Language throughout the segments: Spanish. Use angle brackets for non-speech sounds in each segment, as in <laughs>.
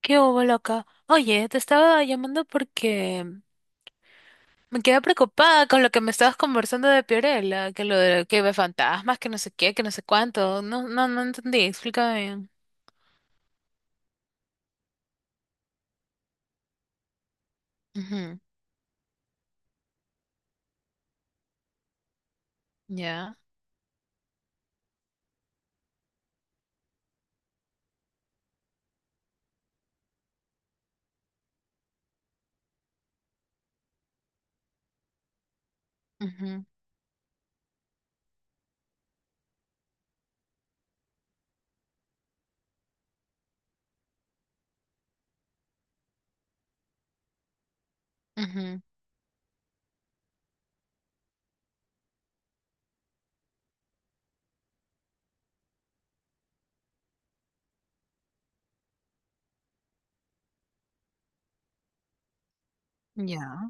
¿Qué hubo, loca? Oye, te estaba llamando porque me quedé preocupada con lo que me estabas conversando de Piorella, que lo de que ve fantasmas, que no sé qué, que no sé cuánto. No entendí, explícame bien. Ujú. Ya. Ujú. Ujú. Ya.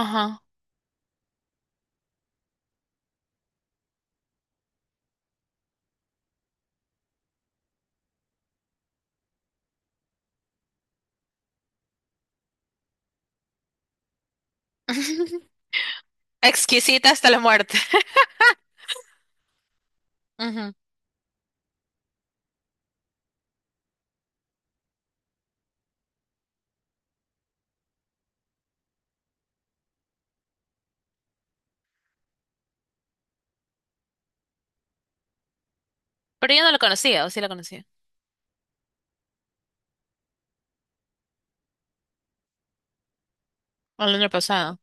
Ajá. <laughs> Exquisita hasta la muerte. <laughs> Ujú. Pero yo no lo conocía, o sí la conocía. El año pasado.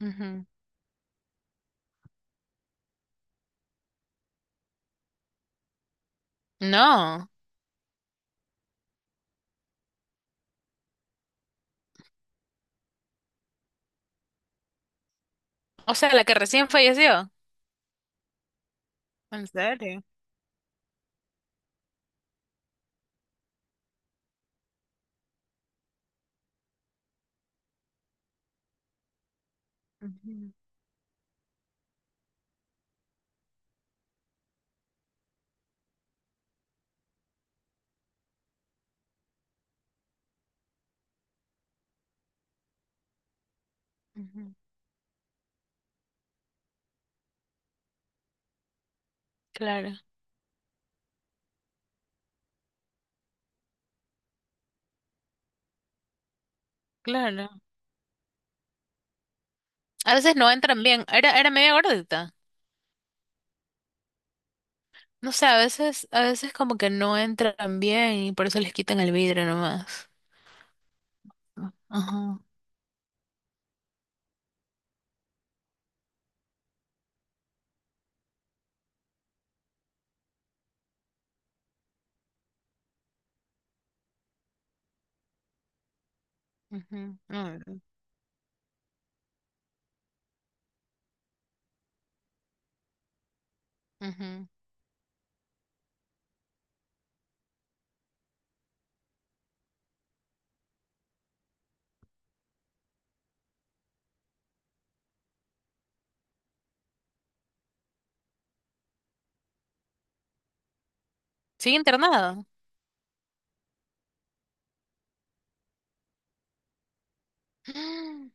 Ujú. No. O sea, la que recién falleció. ¿En serio? Ujú, ujú. Claro, claro. A veces no entran bien. Era media gordita. No sé, a veces como que no entran bien y por eso les quitan el vidrio nomás. Ajá. Ujú, ujú, ujú. Sigue internado. Mm.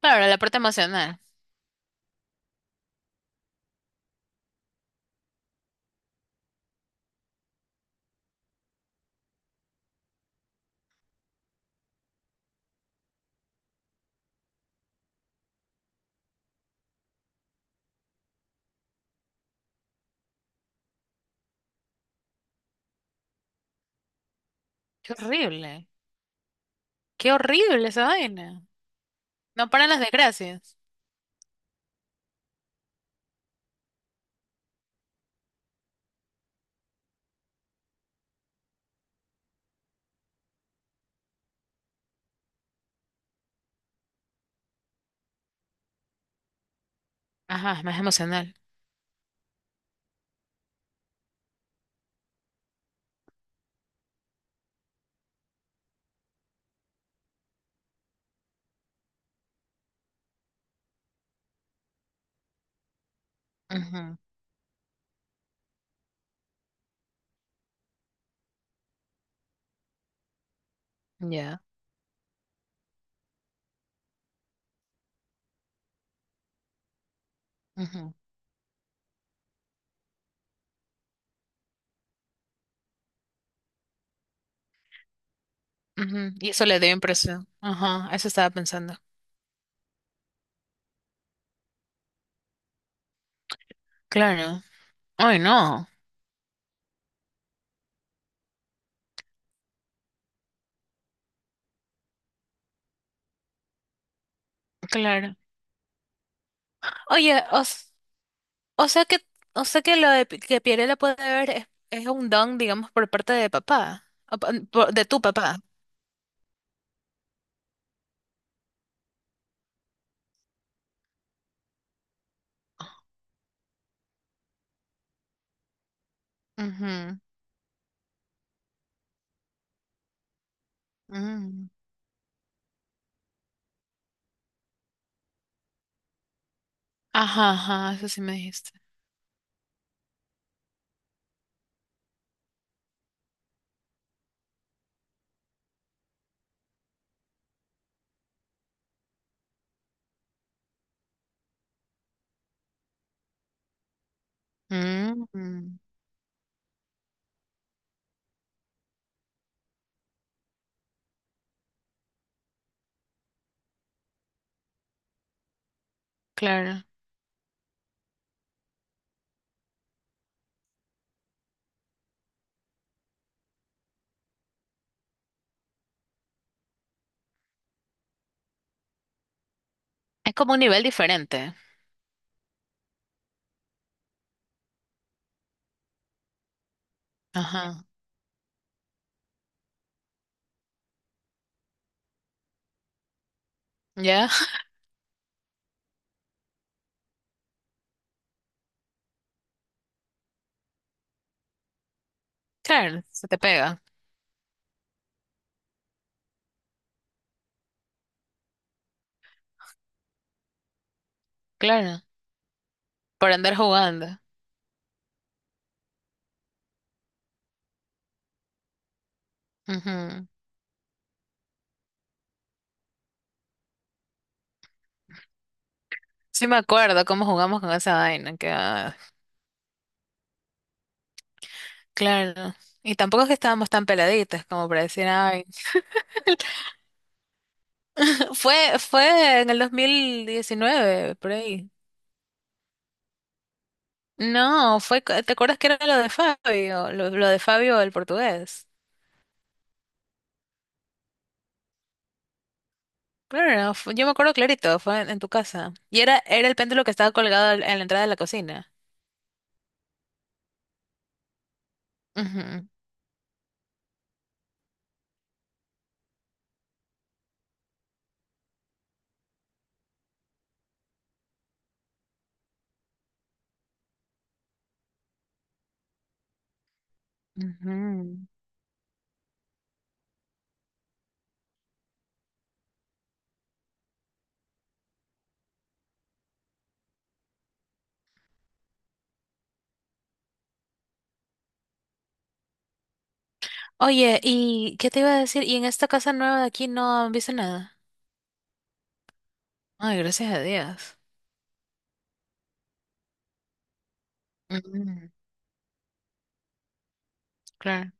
Claro, la parte emocional. Qué horrible. Qué horrible esa vaina. No paran las desgracias. Ajá, es más emocional. Ujú. Ya. Ujú, ujú. Y eso le dio impresión. Ajá, eso estaba pensando. Claro. Ay, no. Claro. Oye, os... O sea que, o sea que lo de pi- que Pirela puede ver es un don, digamos, por parte de papá, o pa- por- de tu papá. Ujú, mm. Ajá, ajá, eso sí me dijiste. Mm, mm, claro. Es como un nivel diferente. Ajá. ¿Ya? <laughs> Claro, se te pega. Claro. Por andar jugando. Ujú. Sí me acuerdo cómo jugamos con esa vaina. Que, ah, claro. Y tampoco es que estábamos tan peladitas como para decir, ay. <laughs> Fue, fue en el 2019 por ahí. No, fue, co- ¿te acuerdas que era lo de Fabio? Lo de Fabio, el portugués. Claro, no, fue- yo me acuerdo clarito, fue en tu casa. Y era, era el péndulo que estaba colgado al- en la entrada de la cocina. Ujú, ujú. Oye, ¿y qué te iba a decir? ¿Y en esta casa nueva de aquí no han visto nada? Ay, gracias a Dios. Mm, claro,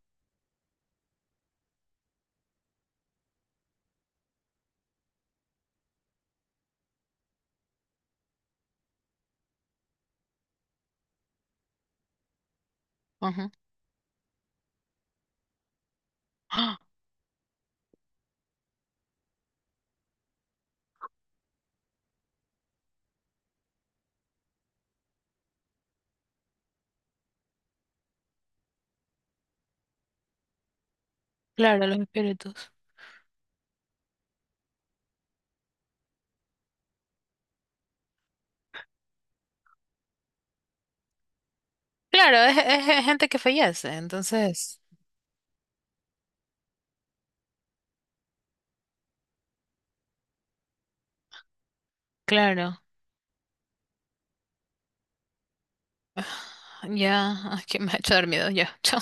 ajá. ¡Ah! Claro, los espíritus. Claro, es gente que fallece, entonces, claro, ya, ay, que me ha hecho dormido ya, <laughs> chao.